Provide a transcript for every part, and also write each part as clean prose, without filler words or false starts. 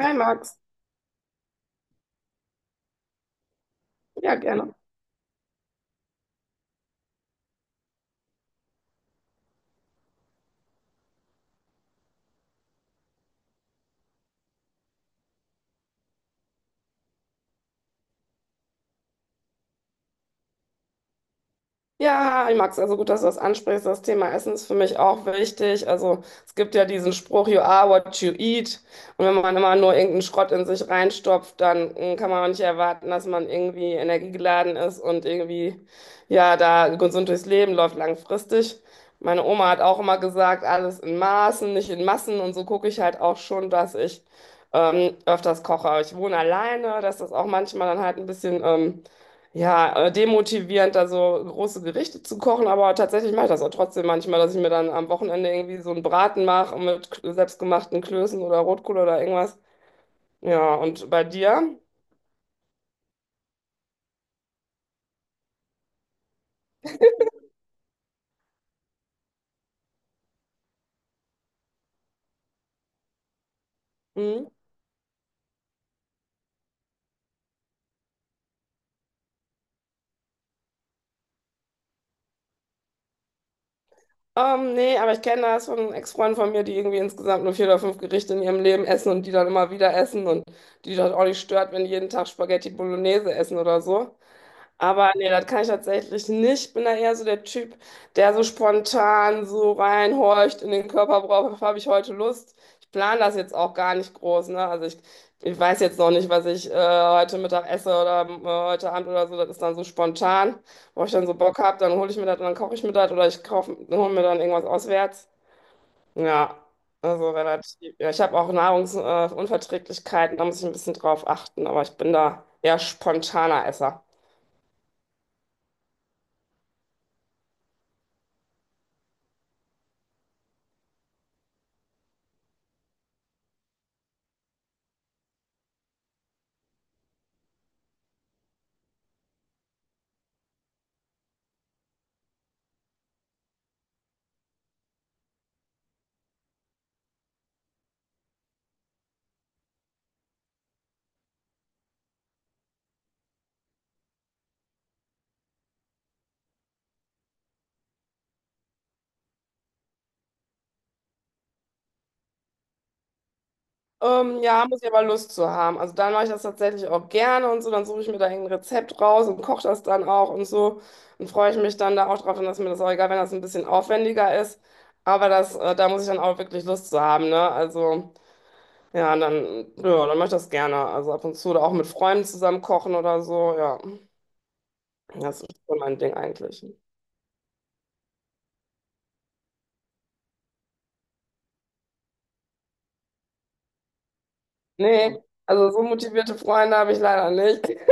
Hi Max, ja gerne. Ja, hi Max, also gut, dass du das ansprichst. Das Thema Essen ist für mich auch wichtig. Also es gibt ja diesen Spruch, you are what you eat. Und wenn man immer nur irgendeinen Schrott in sich reinstopft, dann kann man auch nicht erwarten, dass man irgendwie energiegeladen ist und da gesund durchs Leben läuft langfristig. Meine Oma hat auch immer gesagt, alles in Maßen, nicht in Massen. Und so gucke ich halt auch schon, dass ich öfters koche. Ich wohne alleine, dass das auch manchmal dann halt ein bisschen... Ja, demotivierend, also große Gerichte zu kochen, aber tatsächlich mache ich das auch trotzdem manchmal, dass ich mir dann am Wochenende irgendwie so einen Braten mache mit selbstgemachten Klößen oder Rotkohl oder irgendwas. Ja, und bei dir? Mhm. Nee, aber ich kenne das von Ex-Freunden von mir, die irgendwie insgesamt nur vier oder fünf Gerichte in ihrem Leben essen und die dann immer wieder essen und die das auch nicht stört, wenn die jeden Tag Spaghetti Bolognese essen oder so. Aber nee, das kann ich tatsächlich nicht. Ich bin da eher so der Typ, der so spontan so reinhorcht in den Körper, worauf habe ich heute Lust? Ich plane das jetzt auch gar nicht groß, ne? Ich weiß jetzt noch nicht, was ich heute Mittag esse oder heute Abend oder so. Das ist dann so spontan, wo ich dann so Bock habe, dann hole ich mir das und dann koche ich mir das oder ich hole mir dann irgendwas auswärts. Ja, also relativ. Ja, ich habe auch Unverträglichkeiten, da muss ich ein bisschen drauf achten, aber ich bin da eher spontaner Esser. Ja, muss ich aber Lust zu haben. Also dann mache ich das tatsächlich auch gerne und so. Dann suche ich mir da ein Rezept raus und koche das dann auch und so. Und freue ich mich dann da auch drauf. Dann ist mir das auch egal, wenn das ein bisschen aufwendiger ist. Aber da muss ich dann auch wirklich Lust zu haben, ne? Also dann mache ich das gerne. Also ab und zu oder auch mit Freunden zusammen kochen oder so. Ja, das ist schon mein Ding eigentlich. Nee, also so motivierte Freunde habe ich leider nicht.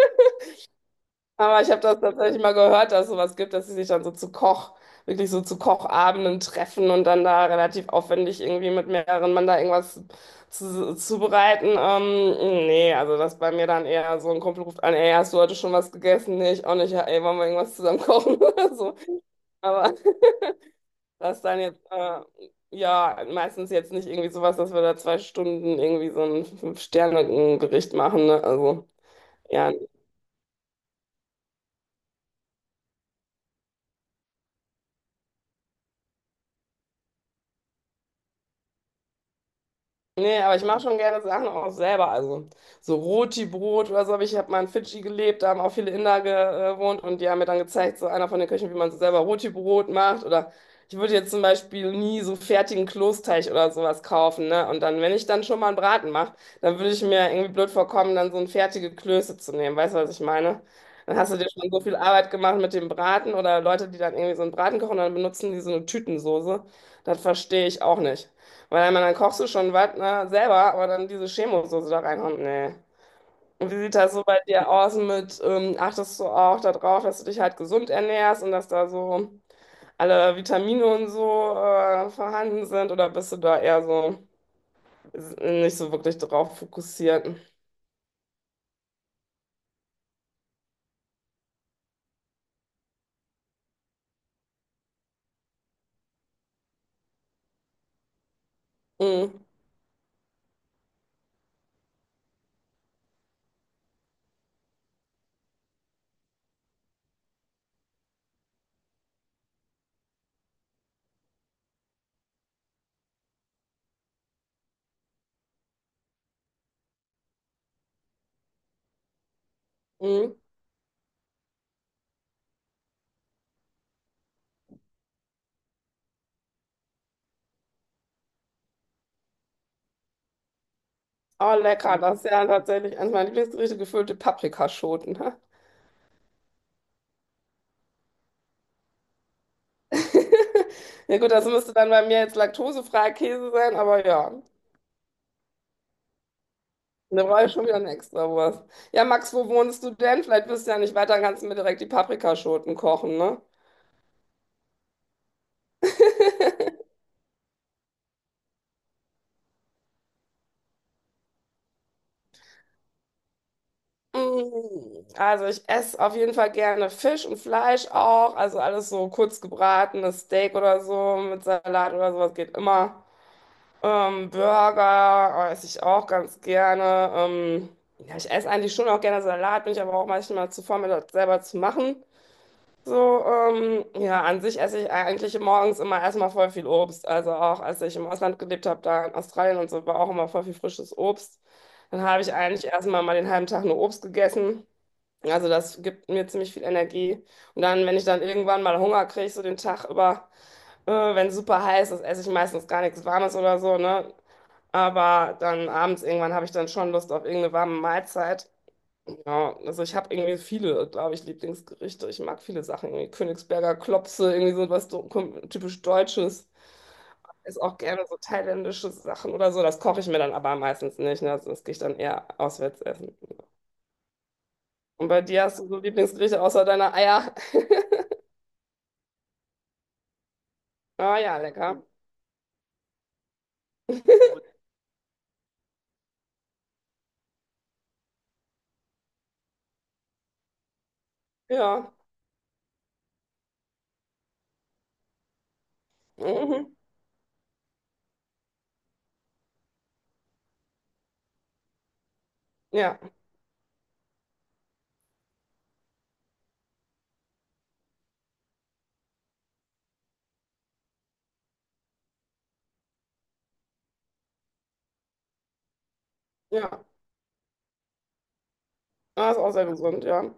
Aber ich habe das tatsächlich mal gehört, dass es sowas gibt, dass sie sich dann so wirklich so zu Kochabenden treffen und dann da relativ aufwendig irgendwie mit mehreren Mann da irgendwas zubereiten. Nee, also das ist bei mir dann eher so ein Kumpel ruft an, ey, hast du heute schon was gegessen? Nee, ich auch nicht. Ja, ey, wollen wir irgendwas zusammen kochen oder so. Aber das dann jetzt, ja, meistens jetzt nicht irgendwie sowas, dass wir da zwei Stunden irgendwie so ein Fünf-Sterne-Gericht machen, ne? Also, ja. Nee, aber ich mache schon gerne Sachen auch selber. Also so Roti-Brot oder so. Aber ich habe mal in Fidschi gelebt, da haben auch viele Inder gewohnt und die haben mir dann gezeigt, so einer von den Köchen, wie man so selber Roti-Brot macht. Oder ich würde jetzt zum Beispiel nie so fertigen Kloßteig oder sowas kaufen, ne? Und dann, wenn ich dann schon mal einen Braten mache, dann würde ich mir irgendwie blöd vorkommen, dann so ein fertige Klöße zu nehmen. Weißt du, was ich meine? Dann hast du dir schon so viel Arbeit gemacht mit dem Braten oder Leute, die dann irgendwie so einen Braten kochen und dann benutzen die so eine Tütensoße. Das verstehe ich auch nicht. Weil dann kochst du schon was, ne, selber, aber dann diese Chemosoße da reinhauen, nee. Und wie sieht das so bei dir aus mit, achtest du auch darauf, dass du dich halt gesund ernährst und dass da so alle Vitamine und so vorhanden sind? Oder bist du da eher so nicht so wirklich drauf fokussiert? Mm, mm. Oh, lecker, das ist ja tatsächlich eines meiner Lieblingsgerichte, gefüllte Paprikaschoten. Ja gut, das müsste dann bei mir jetzt laktosefreier Käse sein, aber ja. Da brauche ich schon wieder eine Extrawurst. Ja, Max, wo wohnst du denn? Vielleicht bist du ja nicht weiter, dann kannst du mir direkt die Paprikaschoten kochen, ne? Mm, also ich esse auf jeden Fall gerne Fisch und Fleisch auch. Also alles so kurz gebratenes Steak oder so mit Salat oder sowas geht immer. Burger esse ich auch ganz gerne. Ja, ich esse eigentlich schon auch gerne Salat, bin ich aber auch manchmal zu faul, mir das selber zu machen. Ja, an sich esse ich eigentlich morgens immer erstmal voll viel Obst. Also auch als ich im Ausland gelebt habe, da in Australien und so, war auch immer voll viel frisches Obst. Dann habe ich eigentlich erstmal mal den halben Tag nur Obst gegessen. Also das gibt mir ziemlich viel Energie. Und dann, wenn ich dann irgendwann mal Hunger kriege, so den Tag über, wenn es super heiß ist, esse ich meistens gar nichts Warmes oder so, ne? Aber dann abends irgendwann habe ich dann schon Lust auf irgendeine warme Mahlzeit. Ja, also ich habe irgendwie viele, glaube ich, Lieblingsgerichte. Ich mag viele Sachen, irgendwie Königsberger Klopse, irgendwie so was so typisch Deutsches. Ist auch gerne so thailändische Sachen oder so. Das koche ich mir dann aber meistens nicht, ne? Das gehe ich dann eher auswärts essen. Und bei dir, hast du so Lieblingsgerichte außer deiner Eier? Ah ja, lecker. Ja. Mhm. Ja, ja. Ah, ist auch sehr gesund, ja.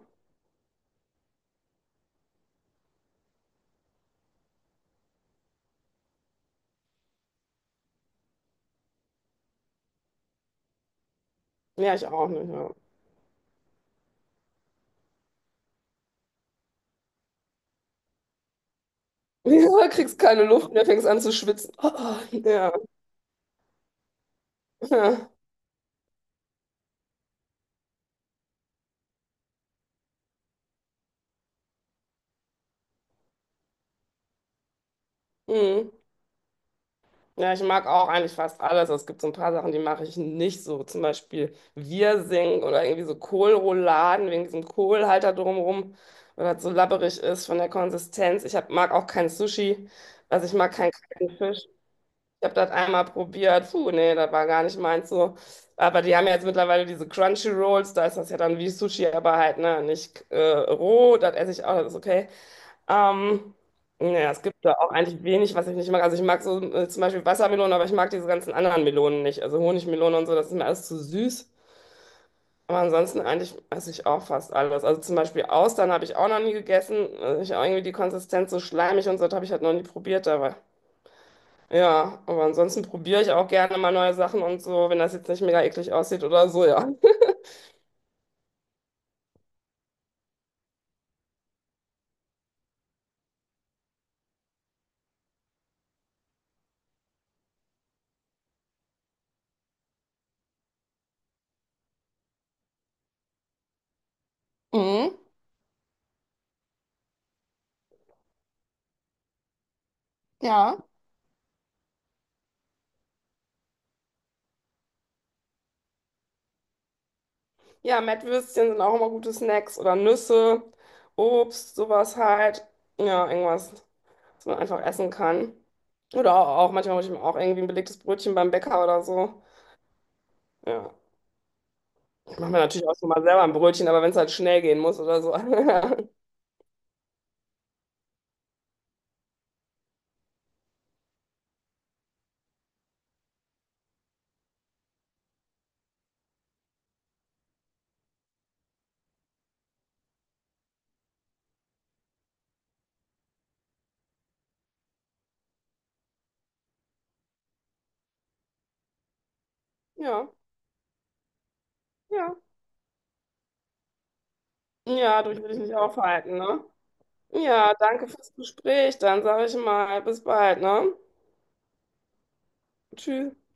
Ja, ich auch nicht, ja. Ja, kriegst keine Luft mehr, fängst an zu schwitzen. Ja, ja. Mhm. Ja, ich mag auch eigentlich fast alles. Es gibt so ein paar Sachen, die mache ich nicht so. Zum Beispiel Wirsing oder irgendwie so Kohlrouladen wegen diesem Kohlhalter drumherum, weil das so labberig ist von der Konsistenz. Mag auch kein Sushi. Also ich mag keinen kalten Fisch. Ich habe das einmal probiert. Puh, nee, das war gar nicht meins so. Aber die haben ja jetzt mittlerweile diese Crunchy Rolls. Da ist das ja dann wie Sushi, aber halt, ne, nicht roh. Das esse ich auch, das ist okay. Ähm, naja, es gibt da auch eigentlich wenig, was ich nicht mag. Also ich mag so zum Beispiel Wassermelonen, aber ich mag diese ganzen anderen Melonen nicht. Also Honigmelone und so, das ist mir alles zu süß. Aber ansonsten eigentlich esse ich auch fast alles. Also zum Beispiel Austern habe ich auch noch nie gegessen. Also ich habe irgendwie die Konsistenz so schleimig und so, das habe ich halt noch nie probiert. Aber ja, aber ansonsten probiere ich auch gerne mal neue Sachen und so, wenn das jetzt nicht mega eklig aussieht oder so, ja. Mhm, ja. Ja, Mettwürstchen sind auch immer gute Snacks oder Nüsse, Obst, sowas halt. Ja, irgendwas, was man einfach essen kann. Oder auch, manchmal hole ich mir auch irgendwie ein belegtes Brötchen beim Bäcker oder so. Ja, ich mache mir natürlich auch schon mal selber ein Brötchen, aber wenn es halt schnell gehen muss oder so. Ja, ja. Ja, durch will ich nicht aufhalten, ne? Ja, danke fürs Gespräch. Dann sage ich mal, bis bald, ne? Tschüss.